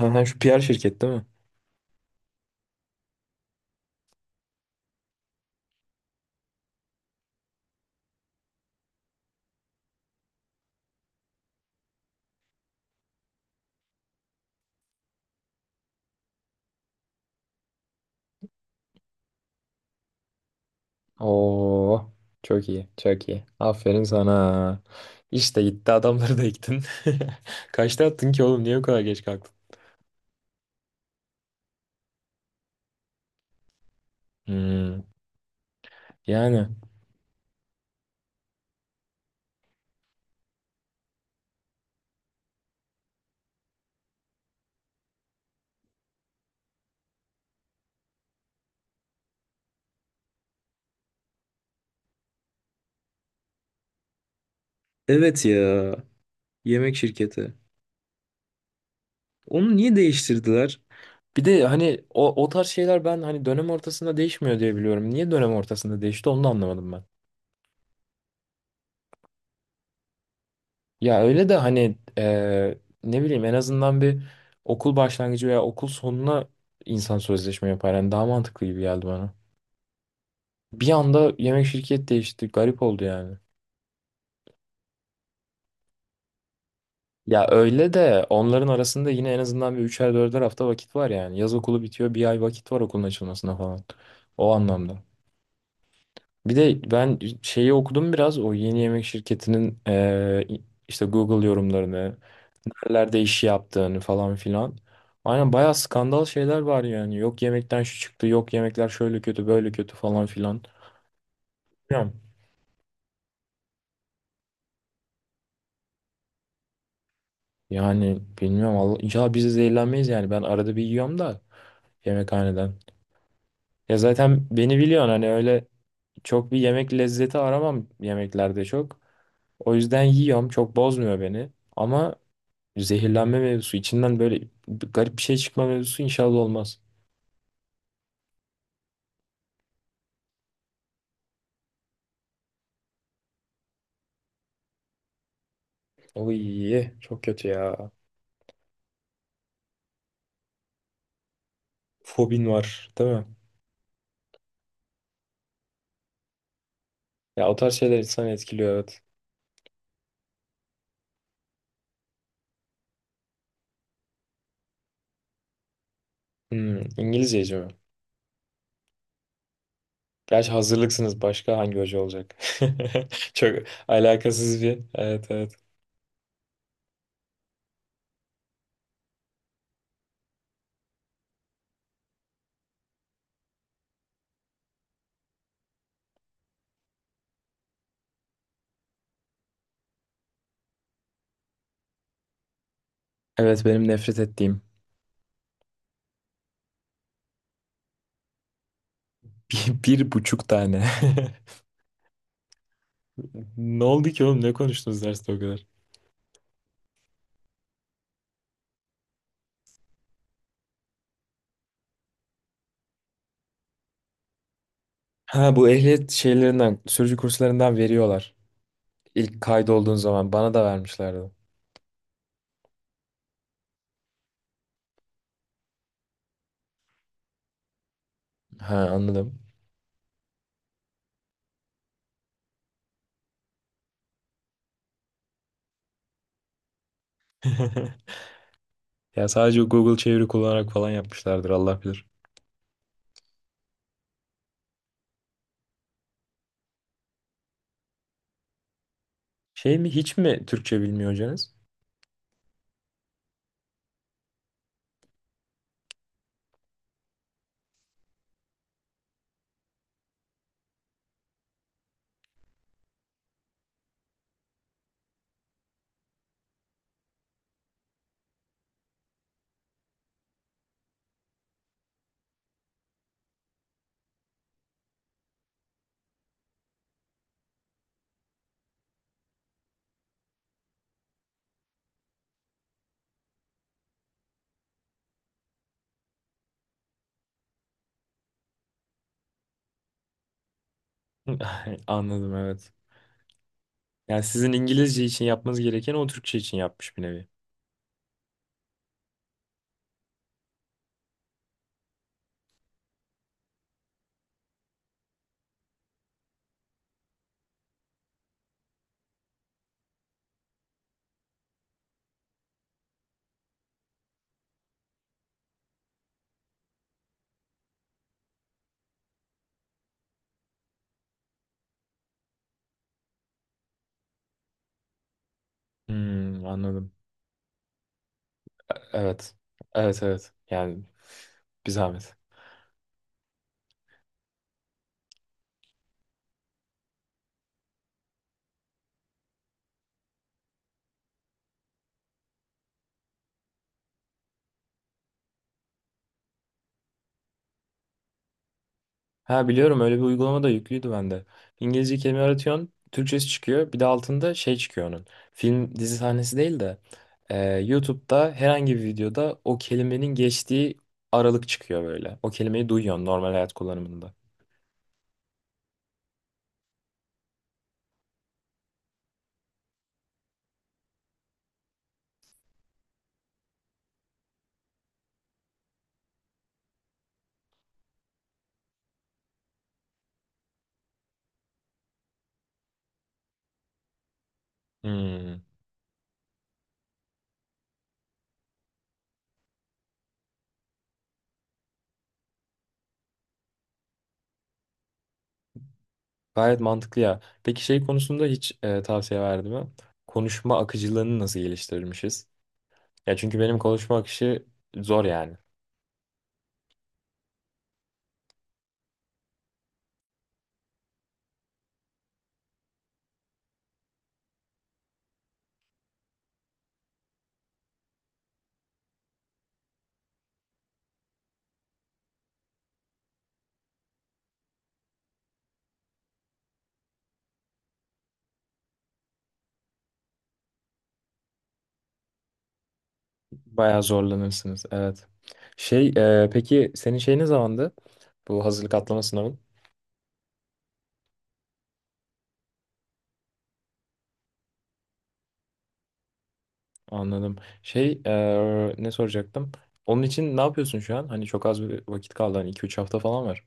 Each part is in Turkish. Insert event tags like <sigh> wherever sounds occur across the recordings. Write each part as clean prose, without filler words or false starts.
Ha, ha, şu PR şirket değil mi? Oo, çok iyi, çok iyi. Aferin sana. İşte gitti adamları da yıktın. <laughs> Kaçta attın ki oğlum? Niye bu kadar geç kalktın? Hmm, yani. Evet ya. Yemek şirketi. Onu niye değiştirdiler? Bir de hani o, o tarz şeyler ben hani dönem ortasında değişmiyor diye biliyorum. Niye dönem ortasında değişti onu da anlamadım ben. Ya öyle de hani ne bileyim en azından bir okul başlangıcı veya okul sonuna insan sözleşme yapar. Yani daha mantıklı gibi geldi bana. Bir anda yemek şirket değişti. Garip oldu yani. Ya öyle de onların arasında yine en azından bir üçer dörder hafta vakit var yani. Yaz okulu bitiyor bir ay vakit var okulun açılmasına falan. O anlamda. Bir de ben şeyi okudum biraz o yeni yemek şirketinin işte Google yorumlarını nerelerde iş yaptığını falan filan. Aynen bayağı skandal şeyler var yani. Yok yemekten şu çıktı, yok yemekler şöyle kötü, böyle kötü falan filan. Bilmiyorum. Yani bilmiyorum Allah inşallah biz de zehirlenmeyiz yani. Ben arada bir yiyorum da yemekhaneden. Ya zaten beni biliyorsun hani öyle çok bir yemek lezzeti aramam yemeklerde çok. O yüzden yiyorum. Çok bozmuyor beni. Ama zehirlenme mevzusu içinden böyle bir garip bir şey çıkma mevzusu inşallah olmaz. Oy çok kötü ya. Fobin var değil mi? Ya o tarz şeyler insanı etkiliyor evet. Hmm, İngilizceci mi? Gerçi hazırlıksınız başka hangi hoca olacak? <laughs> Çok alakasız bir. Evet evet. Evet benim nefret ettiğim. <laughs> Bir buçuk tane. <laughs> Ne oldu ki oğlum? Ne konuştunuz derste o kadar? Ha bu ehliyet şeylerinden, sürücü kurslarından veriyorlar. İlk kaydolduğun zaman bana da vermişlerdi. Ha anladım. <laughs> Ya sadece Google çeviri kullanarak falan yapmışlardır Allah bilir. Şey mi hiç mi Türkçe bilmiyor hocanız? <laughs> Anladım evet. Yani sizin İngilizce için yapmanız gereken o Türkçe için yapmış bir nevi. Hmm, anladım. Evet. Evet evet. Yani bir zahmet. Ha biliyorum öyle bir uygulama da yüklüydü bende. İngilizce kelime aratıyorsun. Türkçesi çıkıyor. Bir de altında şey çıkıyor onun. Film dizi sahnesi değil de YouTube'da herhangi bir videoda o kelimenin geçtiği aralık çıkıyor böyle. O kelimeyi duyuyorsun normal hayat kullanımında. Hmm. Gayet mantıklı ya. Peki şey konusunda hiç tavsiye verdi mi? Konuşma akıcılığını nasıl geliştirmişiz? Ya çünkü benim konuşma akışı zor yani. Bayağı zorlanırsınız. Evet. Şey peki senin şey ne zamandı? Bu hazırlık atlama sınavın. Anladım. Şey ne soracaktım? Onun için ne yapıyorsun şu an? Hani çok az bir vakit kaldı. Hani 2-3 hafta falan var.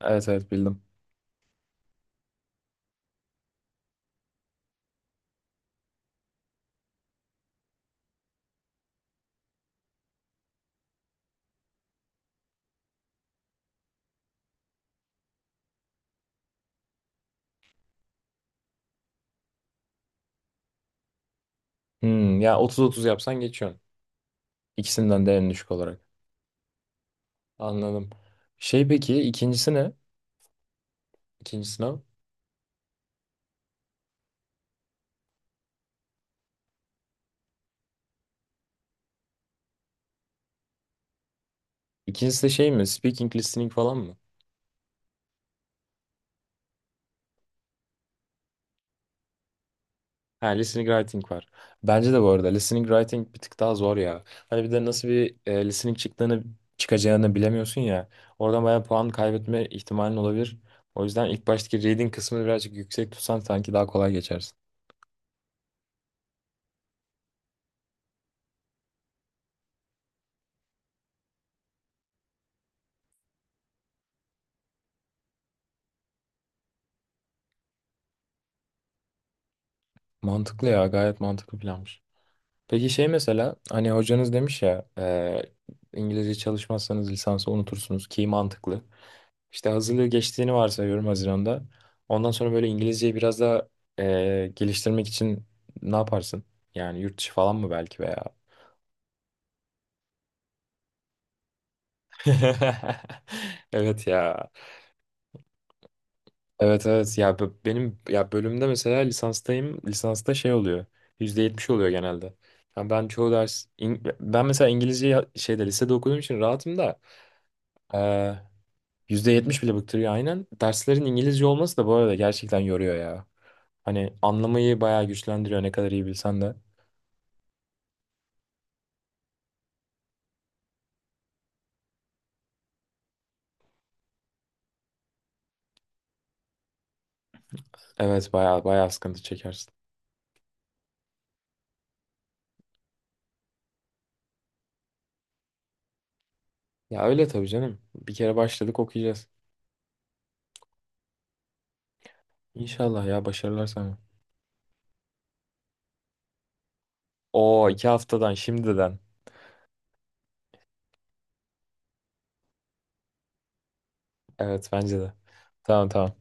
Evet evet bildim. Hmm, ya 30-30 yapsan geçiyorsun. İkisinden de en düşük olarak. Anladım. Şey peki ikincisi ne? İkinci sınav. İkincisi de şey mi? Speaking, listening falan mı? Ha, listening writing var. Bence de bu arada listening writing bir tık daha zor ya. Hani bir de nasıl bir listening çıkacağını bilemiyorsun ya. Oradan bayağı puan kaybetme ihtimalin olabilir. O yüzden ilk baştaki reading kısmını birazcık yüksek tutsan sanki daha kolay geçersin. Mantıklı ya, gayet mantıklı planmış. Peki şey mesela hani hocanız demiş ya İngilizce çalışmazsanız lisansı unutursunuz ki mantıklı. İşte hazırlığı geçtiğini varsayıyorum Haziran'da. Ondan sonra böyle İngilizceyi biraz daha geliştirmek için ne yaparsın? Yani yurt dışı falan mı belki veya? <laughs> Evet ya. Evet evet ya benim ya bölümde mesela lisanstayım. Lisansta şey oluyor. %70 oluyor genelde. Yani ben çoğu ders ben mesela İngilizceyi şeyde lisede okuduğum için rahatım da %70 bile bıktırıyor aynen. Derslerin İngilizce olması da bu arada gerçekten yoruyor ya. Hani anlamayı bayağı güçlendiriyor ne kadar iyi bilsen de. Evet bayağı bayağı sıkıntı çekersin. Ya öyle tabii canım. Bir kere başladık okuyacağız. İnşallah ya başarılar sana. Oo iki haftadan şimdiden. Evet bence de. Tamam tamam.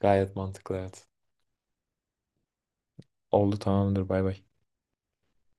Gayet mantıklı evet. Oldu tamamdır bay bay.